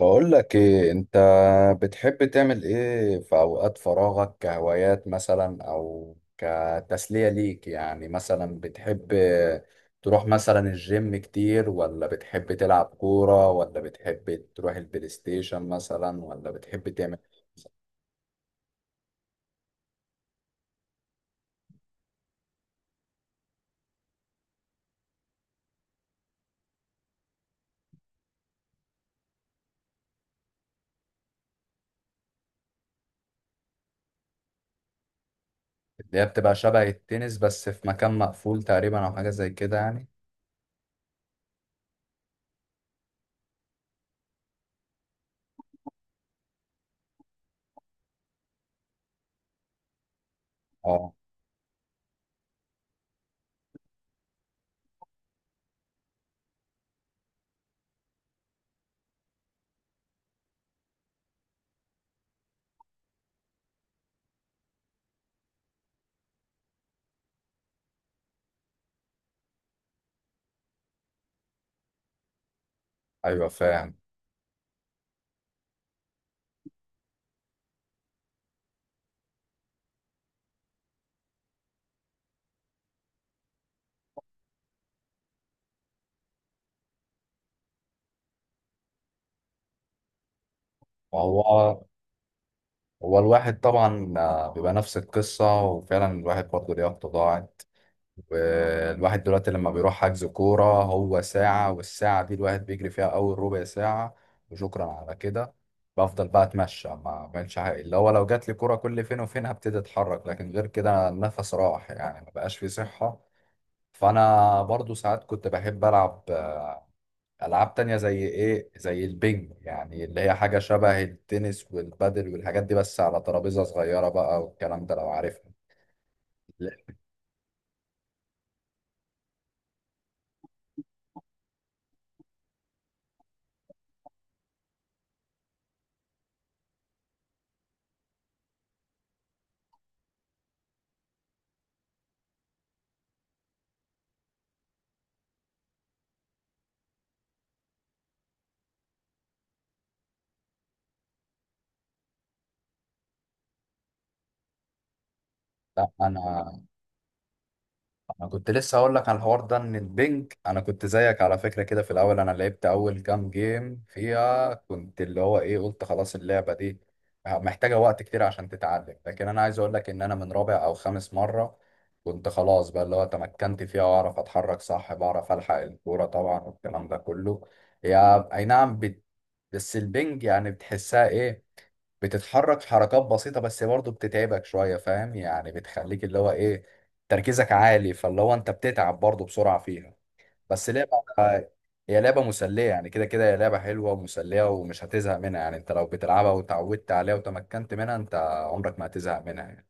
بقول لك ايه انت؟ بتحب تعمل ايه في اوقات فراغك كهوايات مثلا او كتسلية ليك؟ يعني مثلا بتحب تروح مثلا الجيم كتير، ولا بتحب تلعب كورة، ولا بتحب تروح البلاي ستيشن مثلا، ولا بتحب تعمل اللي هي بتبقى شبه التنس بس في مكان مقفول تقريبا او حاجة زي كده يعني؟ اه، ايوه فاهم. وهو هو الواحد طبعا بيبقى نفس القصة، وفعلا الواحد برضه ليه تضاعف. والواحد دلوقتي لما بيروح حجز كورة هو ساعة، والساعة دي الواحد بيجري فيها أول ربع ساعة وشكرا على كده. بفضل بقى أتمشى، ما بعملش حاجة، اللي هو لو جات لي كورة كل فين وفين هبتدي أتحرك، لكن غير كده النفس راح يعني، ما بقاش فيه صحة. فأنا برضو ساعات كنت بحب ألعب ألعاب تانية زي إيه، زي البنج، يعني اللي هي حاجة شبه التنس والبادل والحاجات دي بس على ترابيزة صغيرة بقى، والكلام ده لو عارفها. لا، أنا انا كنت لسه هقول لك على الحوار ده، ان البنج انا كنت زيك على فكره كده في الاول. انا لعبت اول كام جيم فيها كنت اللي هو ايه، قلت خلاص اللعبه دي محتاجه وقت كتير عشان تتعلم. لكن انا عايز اقول لك ان انا من رابع او خامس مره كنت خلاص بقى اللي هو تمكنت فيها، واعرف اتحرك صح، بعرف الحق الكوره طبعا والكلام ده كله. يا اي نعم بس البنج يعني بتحسها ايه؟ بتتحرك حركات بسيطة بس برضه بتتعبك شوية، فاهم؟ يعني بتخليك اللي هو ايه، تركيزك عالي، فاللي هو انت بتتعب برضه بسرعة فيها. بس لعبة هي لعبة مسلية يعني، كده كده هي لعبة حلوة ومسلية، ومش هتزهق منها يعني. انت لو بتلعبها وتعودت عليها وتمكنت منها، انت عمرك ما هتزهق منها يعني.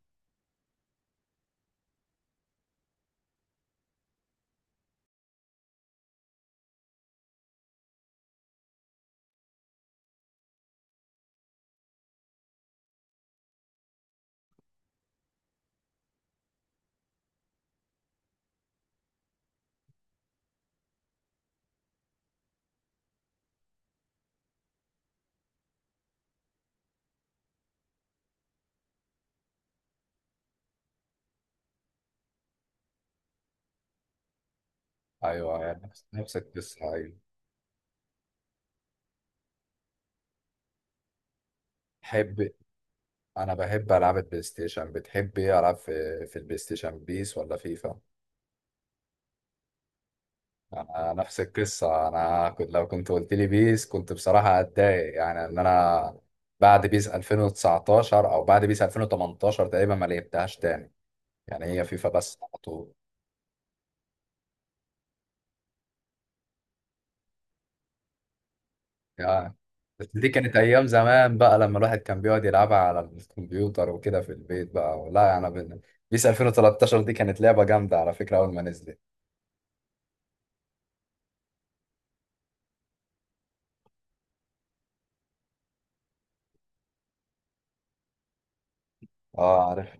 ايوه، يعني نفس القصة، ايوه. بحب. انا بحب العاب البلاي ستيشن. بتحب ايه العاب في البلاي ستيشن، بيس ولا فيفا؟ أنا نفس القصة. أنا كنت لو كنت قلت لي بيس كنت بصراحة هتضايق، يعني إن أنا بعد بيس 2019 أو بعد بيس 2018 تقريبا ما لعبتهاش تاني، يعني هي فيفا بس على طول. يعني بس دي كانت أيام زمان بقى، لما الواحد كان بيقعد يلعبها على الكمبيوتر وكده في البيت بقى، لا يعني بيس 2013 دي كانت لعبة جامدة على فكرة أول ما نزلت. أه عارف.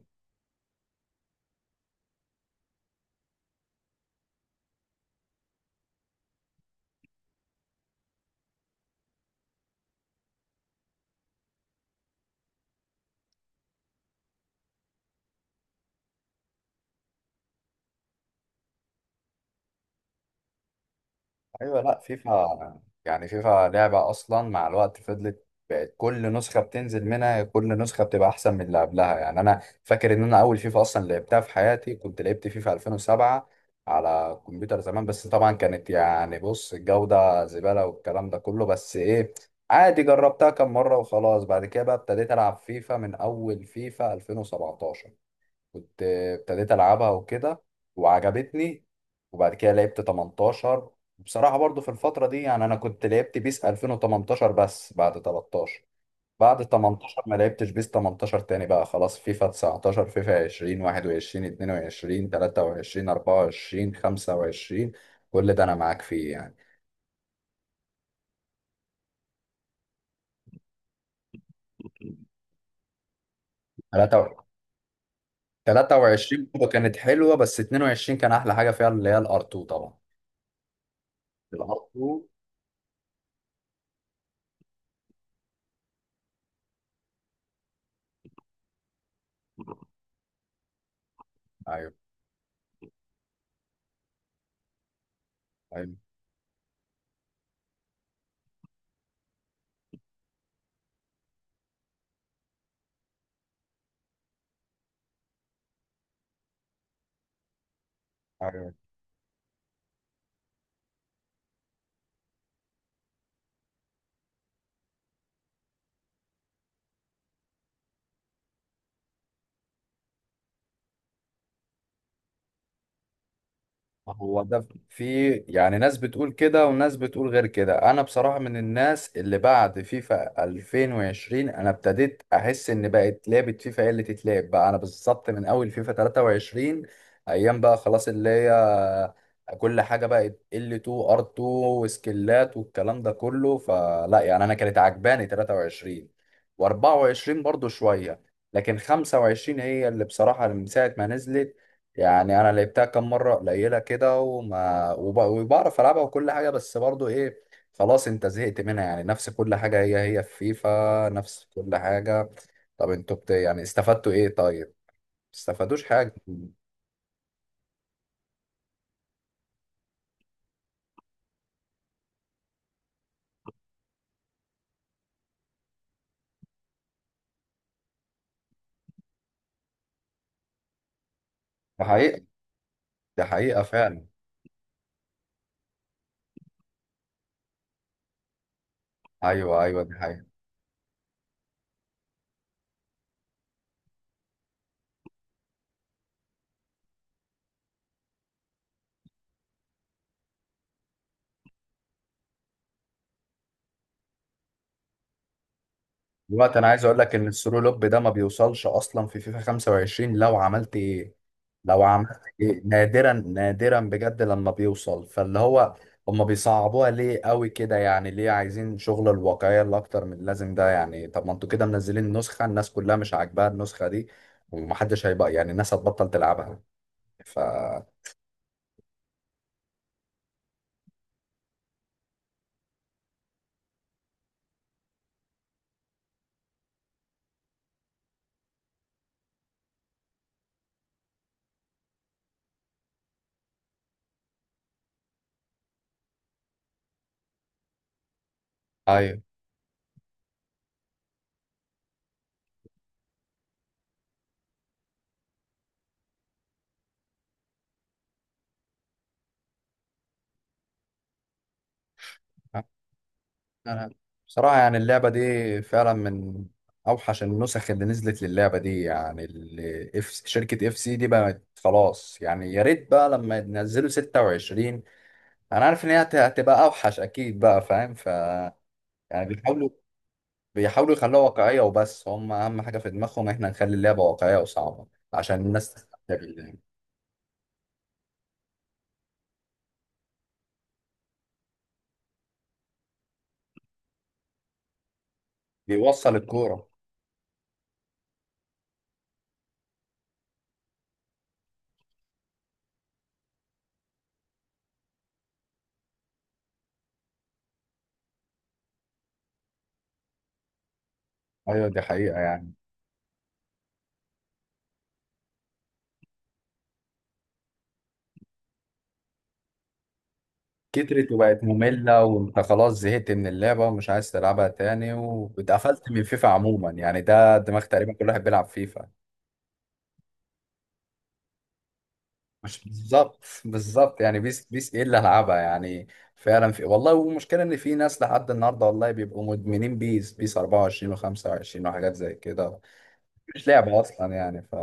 ايوه، لا فيفا يعني، فيفا لعبه اصلا مع الوقت فضلت بقت كل نسخه بتنزل منها كل نسخه بتبقى احسن من اللي قبلها يعني. انا فاكر ان انا اول فيفا اصلا لعبتها في حياتي كنت لعبت فيفا 2007 على كمبيوتر زمان، بس طبعا كانت يعني بص الجوده زباله والكلام ده كله. بس ايه، عادي جربتها كم مره وخلاص. بعد كده بقى ابتديت العب فيفا من اول فيفا 2017 كنت ابتديت العبها وكده، وعجبتني. وبعد كده لعبت 18 بصراحة. برضو في الفترة دي يعني انا كنت لعبت بيس 2018 بس، بعد 13 بعد 18 ما لعبتش بيس 18 تاني بقى، خلاص فيفا 19 فيفا 20 21 22 23 24 25، كل ده انا معاك فيه يعني. 23 برضه كانت حلوة، بس 22 كان احلى حاجة فيها، اللي هي الار 2 طبعا. الار 2. ايوه ايوه. هو ده في يعني ناس بتقول كده وناس بتقول غير كده. انا بصراحة من الناس اللي بعد فيفا 2020 انا ابتديت احس ان بقت لعبة فيفا هي اللي تتلعب بقى. انا بالظبط من اول فيفا 23 ايام بقى خلاص اللي هي كل حاجة بقت L2 R2 وسكيلات والكلام ده كله، فلا يعني. انا كانت عجباني 23، و24 برضو شوية، لكن 25 هي اللي بصراحة من ساعة ما نزلت يعني، انا لعبتها كام مره قليله كده، وبعرف العبها وكل حاجه، بس برضو ايه، خلاص انت زهقت منها يعني، نفس كل حاجه، هي هي في فيفا نفس كل حاجه. طب انتوا يعني استفدتوا ايه؟ طيب ما استفادوش حاجه. ده حقيقه. ده حقيقه فعلا. ايوه ايوه دي حقيقه. الوقت، انا عايز اقول لك ان السرو لوب ده ما بيوصلش اصلا في فيفا 25، لو عملت ايه لو عملت ايه، نادرا نادرا بجد لما بيوصل، فاللي هو هما بيصعبوها ليه قوي كده يعني؟ ليه عايزين شغل الواقعية اللي اكتر من اللازم ده يعني؟ طب ما انتوا كده منزلين نسخة الناس كلها مش عاجباها النسخة دي، ومحدش هيبقى يعني، الناس هتبطل تلعبها. ف ايوه. أنا بصراحة يعني اللعبة دي فعلا من أوحش النسخ اللي نزلت للعبة دي يعني. شركة اف سي دي بقت خلاص يعني. يا ريت بقى لما ينزلوا 26، أنا عارف إن هي هتبقى أوحش أكيد بقى، فاهم؟ ف يعني بيحاولوا، بيحاولوا يخلوها واقعية وبس. هم أهم حاجة في دماغهم إحنا نخلي اللعبة واقعية وصعبة عشان الناس تستمتع باللعبة. بيوصل الكورة. أيوة دي حقيقة يعني. كترت وبقت مملة، وانت خلاص زهقت من اللعبة ومش عايز تلعبها تاني، واتقفلت من فيفا عموما يعني. ده دماغ تقريبا كل واحد بيلعب فيفا. مش بالظبط بالظبط يعني، بيس بيس ايه اللي هلعبها يعني؟ فعلا في والله. والمشكلة ان في ناس لحد النهاردة والله بيبقوا مدمنين بيس، بيس 24 و25 وحاجات زي كده، مش لعبة اصلا يعني. ف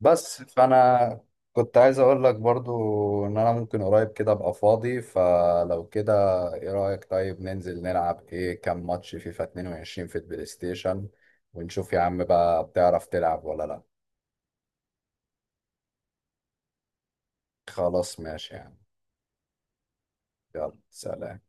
بس فانا كنت عايز اقول لك برضو ان انا ممكن قريب كده ابقى فاضي، فلو كده ايه رأيك، طيب ننزل نلعب ايه كام ماتش فيفا 22 في البلاي ستيشن، ونشوف يا عم بقى بتعرف تلعب ولا لا؟ خلاص ماشي يعني. يلا سلام.